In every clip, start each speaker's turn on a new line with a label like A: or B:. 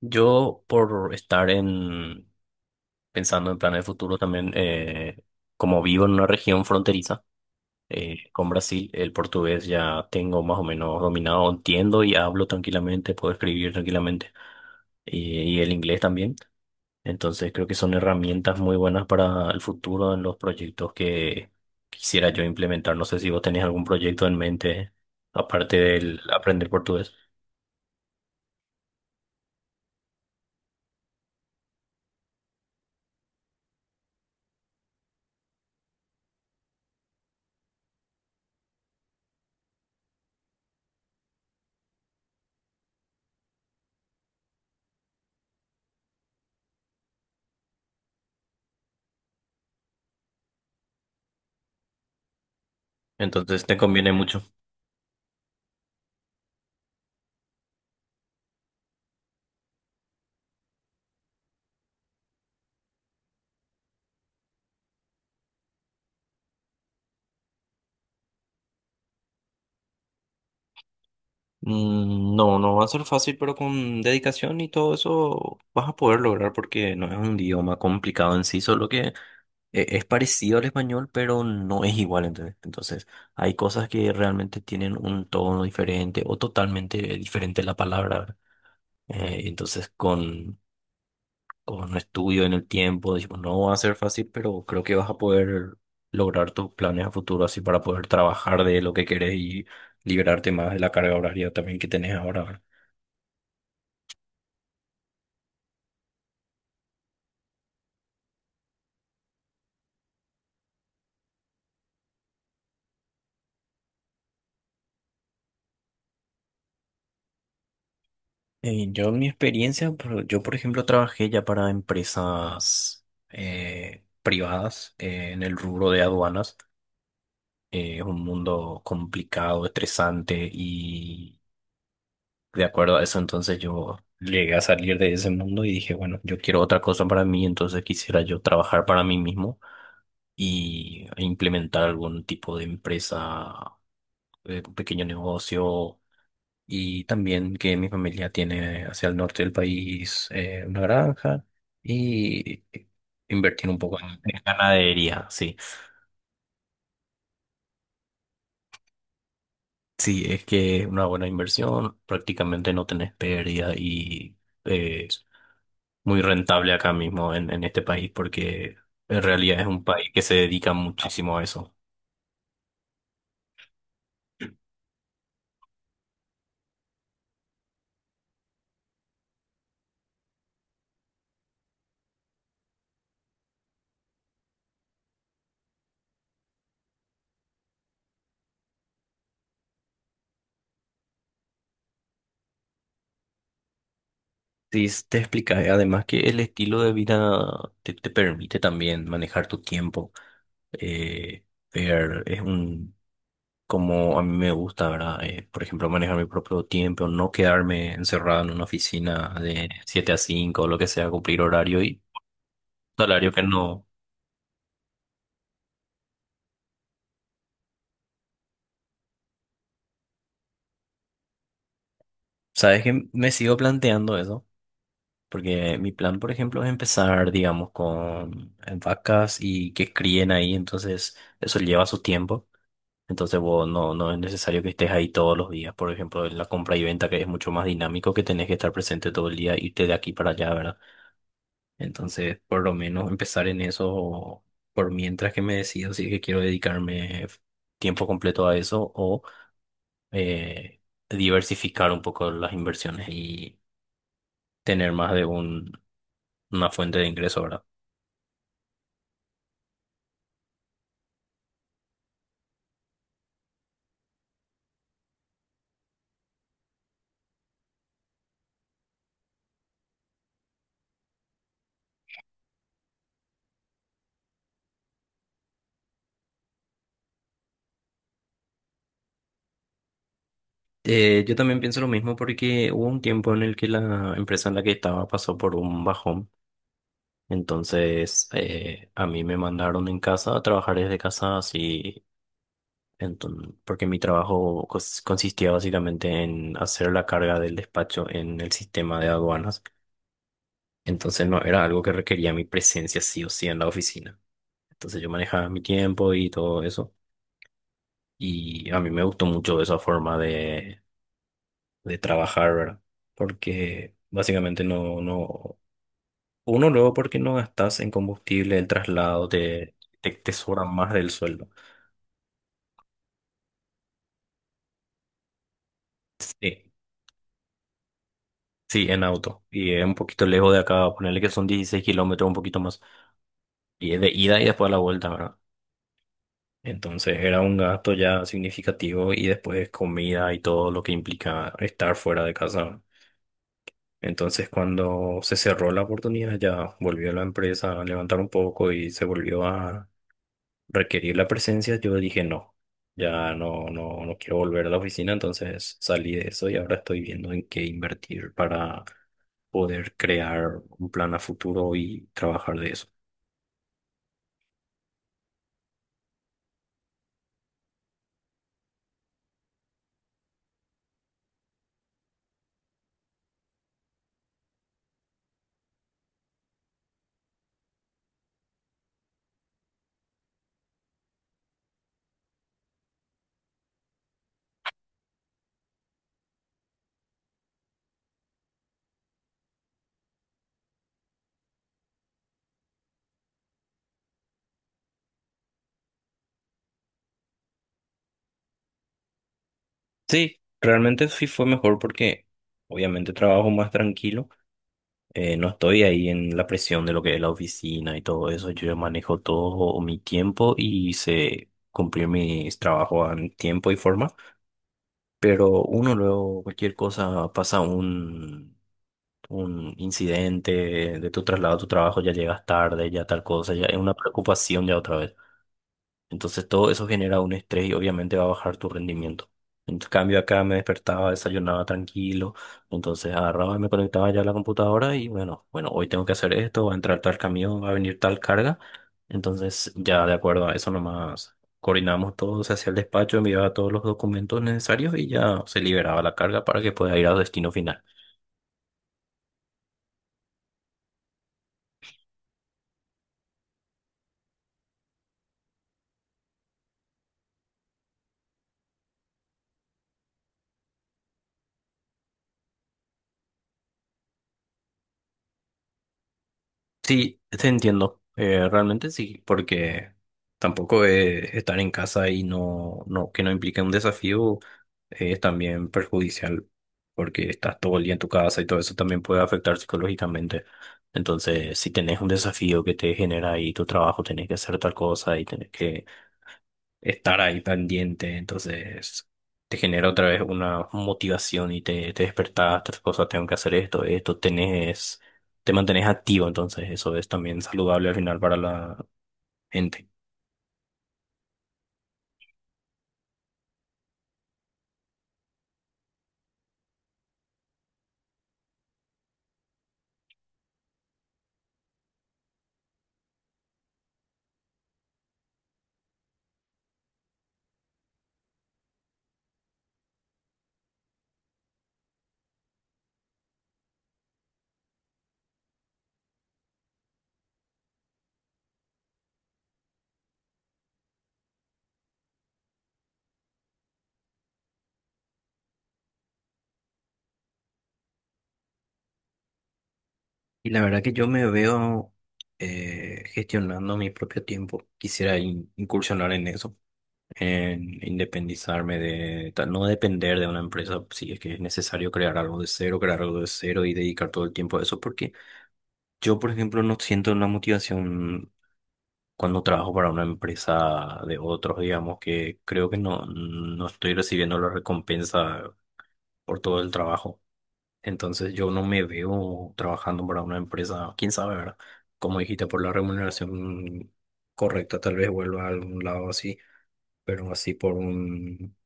A: Yo, por estar en pensando en planes de futuro también, como vivo en una región fronteriza con Brasil, el portugués ya tengo más o menos dominado, entiendo y hablo tranquilamente, puedo escribir tranquilamente, y el inglés también. Entonces creo que son herramientas muy buenas para el futuro en los proyectos que quisiera yo implementar. ¿No sé si vos tenés algún proyecto en mente, aparte del aprender portugués? Entonces te conviene mucho. Mm, no, no va a ser fácil, pero con dedicación y todo eso vas a poder lograr porque no es un idioma complicado en sí, solo que es parecido al español, pero no es igual. Entonces, hay cosas que realmente tienen un tono diferente o totalmente diferente la palabra, ¿verdad? Entonces, con estudio en el tiempo, decimos, no va a ser fácil, pero creo que vas a poder lograr tus planes a futuro así para poder trabajar de lo que querés y liberarte más de la carga horaria también que tenés ahora, ¿verdad? Yo en mi experiencia, yo por ejemplo trabajé ya para empresas privadas en el rubro de aduanas. Es un mundo complicado, estresante y de acuerdo a eso entonces yo llegué a salir de ese mundo y dije, bueno, yo quiero otra cosa para mí, entonces quisiera yo trabajar para mí mismo y implementar algún tipo de empresa, un pequeño negocio y también que mi familia tiene hacia el norte del país una granja y invertir un poco en ganadería, sí. Sí, es que una buena inversión, prácticamente no tenés pérdida y es muy rentable acá mismo en este país porque en realidad es un país que se dedica muchísimo a eso. Sí, te explica, además que el estilo de vida te permite también manejar tu tiempo. Eh, ver, es un como a mí me gusta, ¿verdad? Por ejemplo, manejar mi propio tiempo, no quedarme encerrado en una oficina de 7 a 5, o lo que sea, cumplir horario y salario que no. ¿Sabes que me sigo planteando eso, porque mi plan, por ejemplo, es empezar, digamos, con vacas y que críen ahí? Entonces eso lleva su tiempo. Entonces, vos no, no es necesario que estés ahí todos los días. Por ejemplo, en la compra y venta, que es mucho más dinámico, que tenés que estar presente todo el día, irte de aquí para allá, ¿verdad? Entonces, por lo menos empezar en eso, por mientras que me decido si es que quiero dedicarme tiempo completo a eso o eh, diversificar un poco las inversiones y tener más de una fuente de ingreso ahora. Yo también pienso lo mismo porque hubo un tiempo en el que la empresa en la que estaba pasó por un bajón. Entonces, a mí me mandaron en casa a trabajar desde casa así. Entonces, porque mi trabajo consistía básicamente en hacer la carga del despacho en el sistema de aduanas. Entonces no era algo que requería mi presencia sí o sí en la oficina. Entonces yo manejaba mi tiempo y todo eso. Y a mí me gustó mucho esa forma de trabajar, ¿verdad? Porque básicamente no, uno luego porque no gastas en combustible, el traslado te te sobra más del sueldo. Sí. Sí, en auto. Y es un poquito lejos de acá, ponerle que son 16 km, un poquito más. Y es de ida y después a la vuelta, ¿verdad? Entonces era un gasto ya significativo y después comida y todo lo que implica estar fuera de casa. Entonces cuando se cerró la oportunidad ya volvió la empresa a levantar un poco y se volvió a requerir la presencia, yo dije no, ya no, no quiero volver a la oficina, entonces salí de eso y ahora estoy viendo en qué invertir para poder crear un plan a futuro y trabajar de eso. Sí, realmente sí fue mejor porque obviamente trabajo más tranquilo, no estoy ahí en la presión de lo que es la oficina y todo eso, yo ya manejo todo mi tiempo y sé cumplir mis trabajos en tiempo y forma, pero uno luego cualquier cosa pasa un incidente de tu traslado a tu trabajo, ya llegas tarde, ya tal cosa, ya es una preocupación ya otra vez. Entonces todo eso genera un estrés y obviamente va a bajar tu rendimiento. En cambio acá me despertaba, desayunaba tranquilo, entonces agarraba y me conectaba ya a la computadora y bueno, hoy tengo que hacer esto, va a entrar tal camión, va a venir tal carga. Entonces ya de acuerdo a eso nomás coordinamos todo, se hacía el despacho, enviaba todos los documentos necesarios y ya se liberaba la carga para que pueda ir al destino final. Sí, te entiendo. Realmente sí, porque tampoco estar en casa y que no implique un desafío es también perjudicial, porque estás todo el día en tu casa y todo eso también puede afectar psicológicamente. Entonces, si tenés un desafío que te genera ahí tu trabajo, tenés que hacer tal cosa y tenés que estar ahí pendiente, entonces te genera otra vez una motivación y te despertás, otras cosas, tengo que hacer esto, esto, tenés, te mantenés activo, entonces eso es también saludable al final para la gente. Y la verdad que yo me veo gestionando mi propio tiempo, quisiera incursionar en eso, en independizarme no depender de una empresa, si es que es necesario crear algo de cero, crear algo de cero y dedicar todo el tiempo a eso, porque... Yo, por ejemplo, no siento una motivación cuando trabajo para una empresa de otros, digamos que creo que no estoy recibiendo la recompensa por todo el trabajo. Entonces yo no me veo trabajando para una empresa, quién sabe, ¿verdad? Como dijiste, por la remuneración correcta, tal vez vuelva a algún lado así, pero así por un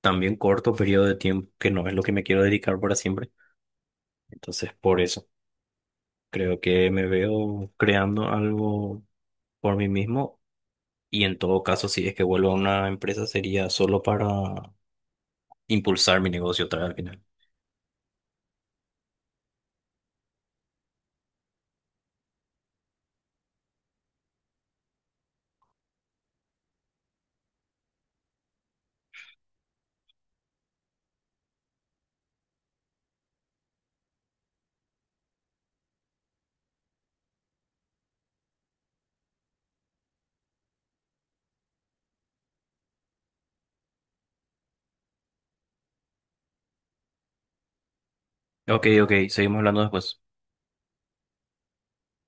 A: también corto periodo de tiempo, que no es lo que me quiero dedicar para siempre. Entonces, por eso, creo que me veo creando algo por mí mismo. Y en todo caso, si es que vuelvo a una empresa, sería solo para impulsar mi negocio otra vez al final. Ok, ok, seguimos hablando después.